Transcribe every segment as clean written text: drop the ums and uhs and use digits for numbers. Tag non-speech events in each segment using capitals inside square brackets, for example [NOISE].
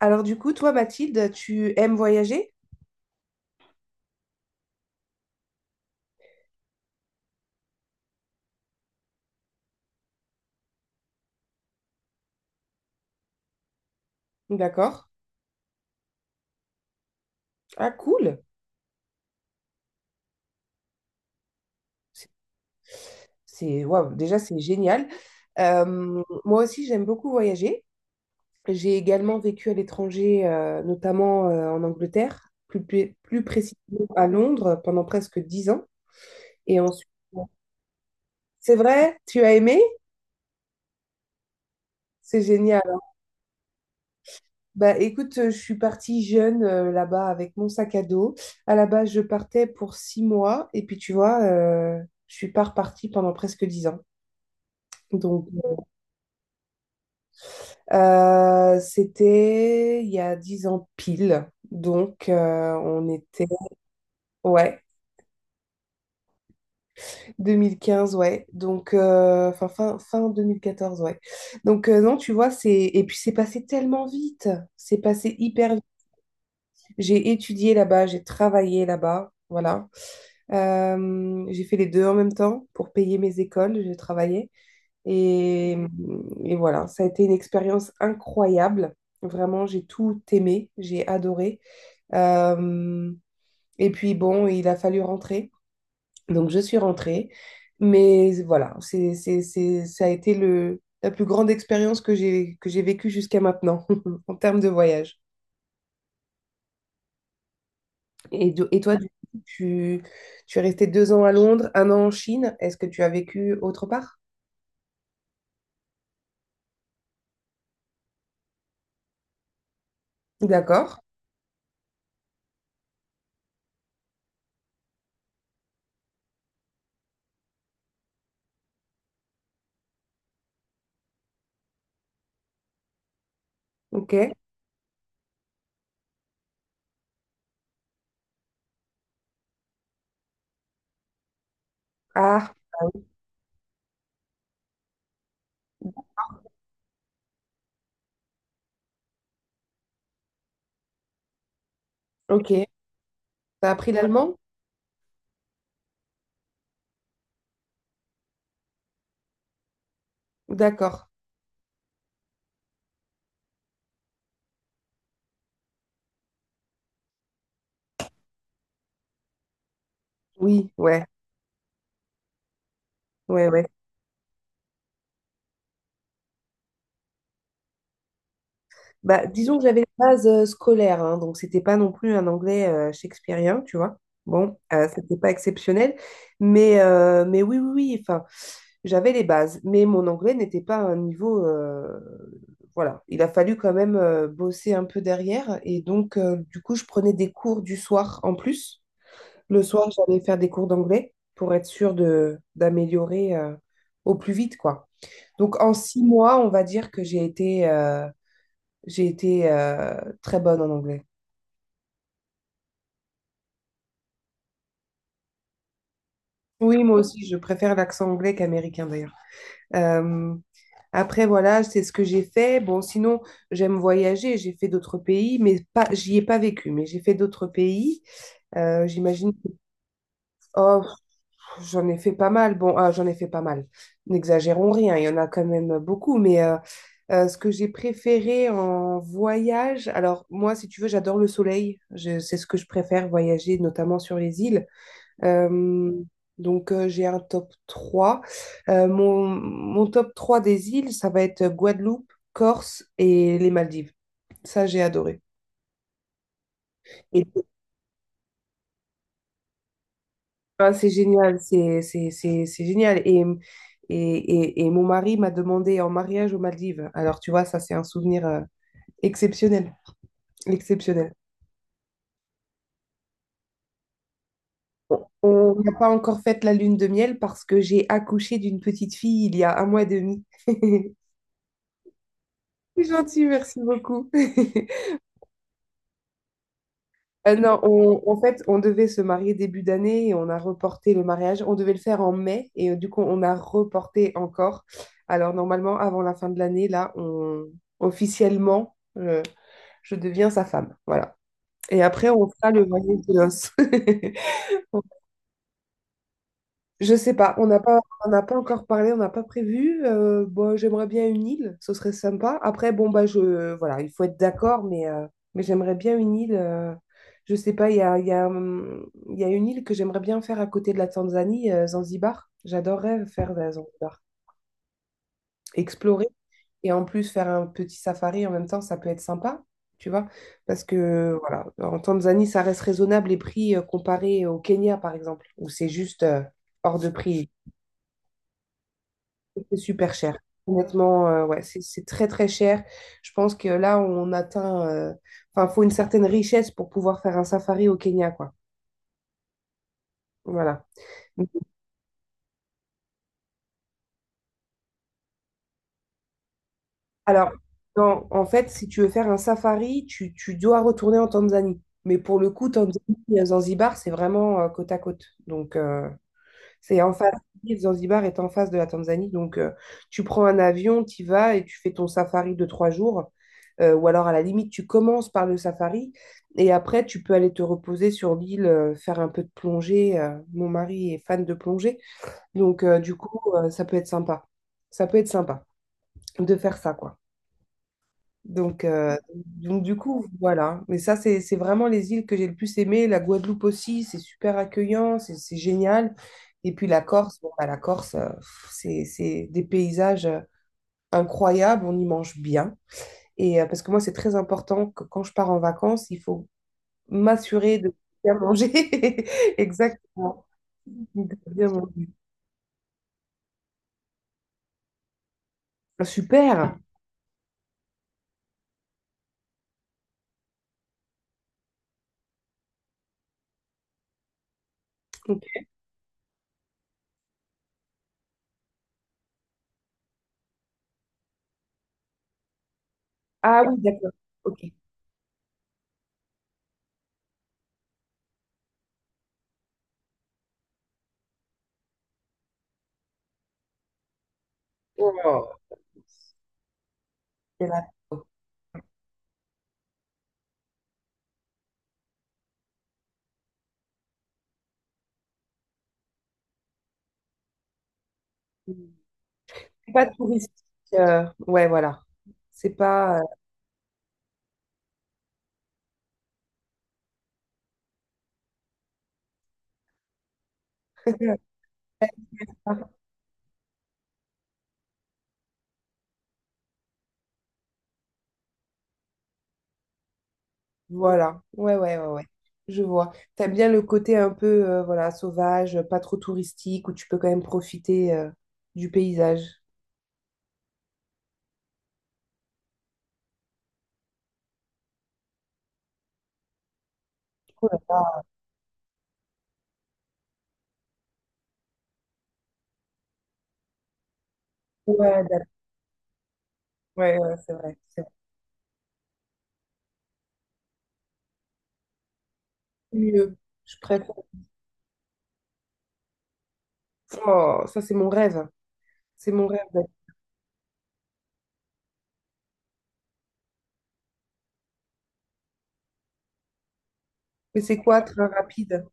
Alors du coup, toi, Mathilde, tu aimes voyager? D'accord. Ah, cool. C'est, Waouh, déjà, c'est génial. Moi aussi, j'aime beaucoup voyager. J'ai également vécu à l'étranger, notamment en Angleterre, plus précisément à Londres, pendant presque 10 ans. Et ensuite, c'est vrai, tu as aimé? C'est génial. Bah, écoute, je suis partie jeune là-bas avec mon sac à dos. À la base, je partais pour 6 mois et puis tu vois, je suis pas repartie pendant presque 10 ans. Donc, c'était il y a 10 ans pile. Donc, on était, ouais, 2015, ouais. Donc, fin 2014, ouais. Donc, non, tu vois, et puis, c'est passé tellement vite. C'est passé hyper. J'ai étudié là-bas, j'ai travaillé là-bas, voilà. J'ai fait les deux en même temps pour payer mes écoles, j'ai travaillé. Et, et voilà, ça a été une expérience incroyable. Vraiment, j'ai tout aimé, j'ai adoré. Euh, et puis bon, il a fallu rentrer. Donc je suis rentrée. Mais voilà, ça a été la plus grande expérience que j'ai vécue jusqu'à maintenant [LAUGHS] en termes de voyage. Et toi, du coup, tu es resté 2 ans à Londres, 1 an en Chine. Est-ce que tu as vécu autre part? D'accord. Ok. Ah, ok. T'as appris l'allemand? D'accord. Oui, ouais, ouais, ouais. Bah, disons que j'avais les bases scolaires, hein, donc c'était pas non plus un anglais shakespearien, tu vois. Bon, c'était pas exceptionnel, mais oui, oui, oui. Enfin, j'avais les bases, mais mon anglais n'était pas à un niveau, voilà, il a fallu quand même bosser un peu derrière. Et donc, du coup, je prenais des cours du soir en plus. Le soir, j'allais faire des cours d'anglais pour être sûre d'améliorer au plus vite, quoi. Donc, en 6 mois, on va dire que j'ai été très bonne en anglais. Oui, moi aussi, je préfère l'accent anglais qu'américain d'ailleurs. Euh, Après, voilà, c'est ce que j'ai fait. Bon, sinon, j'aime voyager. J'ai fait d'autres pays, mais pas, j'y ai pas vécu. Mais j'ai fait d'autres pays. J'imagine oh, j'en ai fait pas mal. Bon, ah, j'en ai fait pas mal. N'exagérons rien. Il y en a quand même beaucoup. Mais ce que j'ai préféré en voyage, alors moi, si tu veux, j'adore le soleil. C'est ce que je préfère voyager, notamment sur les îles. Euh, donc, j'ai un top 3. Mon top 3 des îles, ça va être Guadeloupe, Corse et les Maldives. Ça, j'ai adoré. Et ah, c'est génial, c'est génial. Et, et mon mari m'a demandé en mariage aux Maldives. Alors, tu vois, ça, c'est un souvenir exceptionnel. Exceptionnel. On n'a pas encore fait la lune de miel parce que j'ai accouché d'une petite fille il y a 1 mois et demi. [LAUGHS] C'est gentil, merci beaucoup. [LAUGHS] Non, en fait, on devait se marier début d'année et on a reporté le mariage. On devait le faire en mai et du coup, on a reporté encore. Alors, normalement, avant la fin de l'année, là, officiellement, je deviens sa femme. Voilà. Et après, on fera le voyage de noces. [LAUGHS] Je sais pas, on n'a pas encore parlé, on n'a pas prévu. Bon, j'aimerais bien une île, ce serait sympa. Après, bon, bah, voilà, il faut être d'accord, mais j'aimerais bien une île. Je sais pas, il y a, il y a, il y a une île que j'aimerais bien faire à côté de la Tanzanie, Zanzibar. J'adorerais faire de la Zanzibar, explorer et en plus faire un petit safari en même temps, ça peut être sympa, tu vois, parce que voilà, en Tanzanie, ça reste raisonnable les prix comparés au Kenya, par exemple, où c'est juste hors de prix. C'est super cher. Honnêtement, ouais, c'est très très cher. Je pense que là, on atteint. Enfin, faut une certaine richesse pour pouvoir faire un safari au Kenya, quoi. Voilà. Alors, en fait, si tu veux faire un safari, tu dois retourner en Tanzanie. Mais pour le coup, Tanzanie et Zanzibar, c'est vraiment côte à côte. Donc, c'est en face, Zanzibar est en face de la Tanzanie, donc tu prends un avion, tu vas et tu fais ton safari de 3 jours. Ou alors à la limite tu commences par le safari et après tu peux aller te reposer sur l'île, faire un peu de plongée. Mon mari est fan de plongée, donc du coup ça peut être sympa, ça peut être sympa de faire ça quoi. Donc, euh, donc du coup, voilà. Mais ça, c'est vraiment les îles que j'ai le plus aimées. La Guadeloupe aussi, c'est super accueillant, c'est génial. Et puis la Corse, bon, bah, la Corse, c'est des paysages incroyables, on y mange bien. Et parce que moi, c'est très important que quand je pars en vacances, il faut m'assurer de bien manger. [LAUGHS] Exactement. De bien manger. Ah, super. Ok. Ah oui, d'accord. Ok. Oh, c'est la- c'est pas touristique. Ouais, voilà. C'est pas. euh, [LAUGHS] Voilà. Ouais, ouais, ouais, ouais. Je vois. T'aimes bien le côté un peu voilà, sauvage, pas trop touristique, où tu peux quand même profiter du paysage. Oh là là. Ouais, d'accord. Ouais, ouais, c'est vrai. C'est mieux. Je préfère. Oh, ça, c'est mon rêve. C'est mon rêve. Mais c'est quoi, train rapide?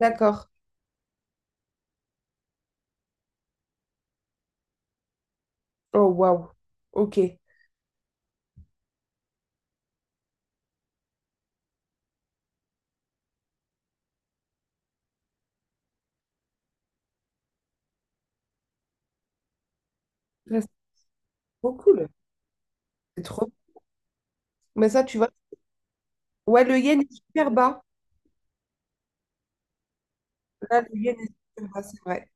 D'accord. Oh, waouh. Ok. Ça, c'est trop cool. C'est trop. Mais ça, tu vois. Ouais, le yen est super bas. Là, le yen est super bas, c'est vrai.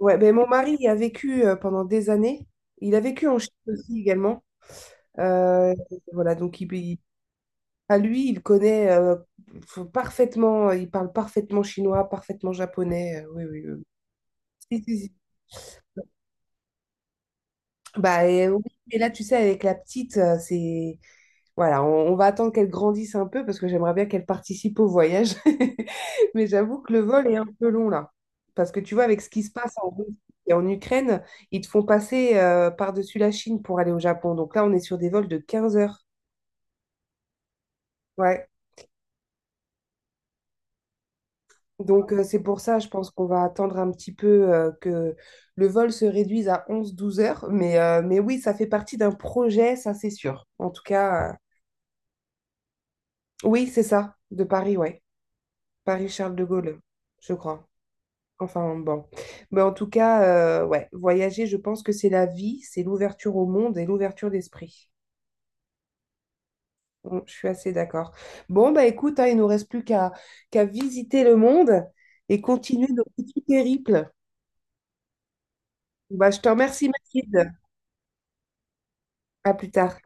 Ouais, ben mon mari y a vécu pendant des années. Il a vécu en Chine aussi également. Euh, voilà, donc à lui, il connaît parfaitement, il parle parfaitement chinois, parfaitement japonais. Oui, oui, oui. Si, si, si. Bah, et oui, mais là, tu sais, avec la petite, c'est Voilà, on va attendre qu'elle grandisse un peu parce que j'aimerais bien qu'elle participe au voyage. [LAUGHS] Mais j'avoue que le vol est un peu long là. Parce que tu vois, avec ce qui se passe en Russie et en Ukraine, ils te font passer par-dessus la Chine pour aller au Japon. Donc là, on est sur des vols de 15 heures. Ouais. Donc c'est pour ça, je pense qu'on va attendre un petit peu que le vol se réduise à 11, 12 heures. Mais oui, ça fait partie d'un projet, ça c'est sûr. En tout cas, oui, c'est ça, de Paris, ouais. Paris-Charles de Gaulle, je crois. Enfin, bon. Mais en tout cas, ouais, voyager, je pense que c'est la vie, c'est l'ouverture au monde et l'ouverture d'esprit. Bon, je suis assez d'accord. Bon, bah écoute, hein, il nous reste plus qu'à visiter le monde et continuer nos petits périples. Bah, je te remercie, Mathilde. À plus tard.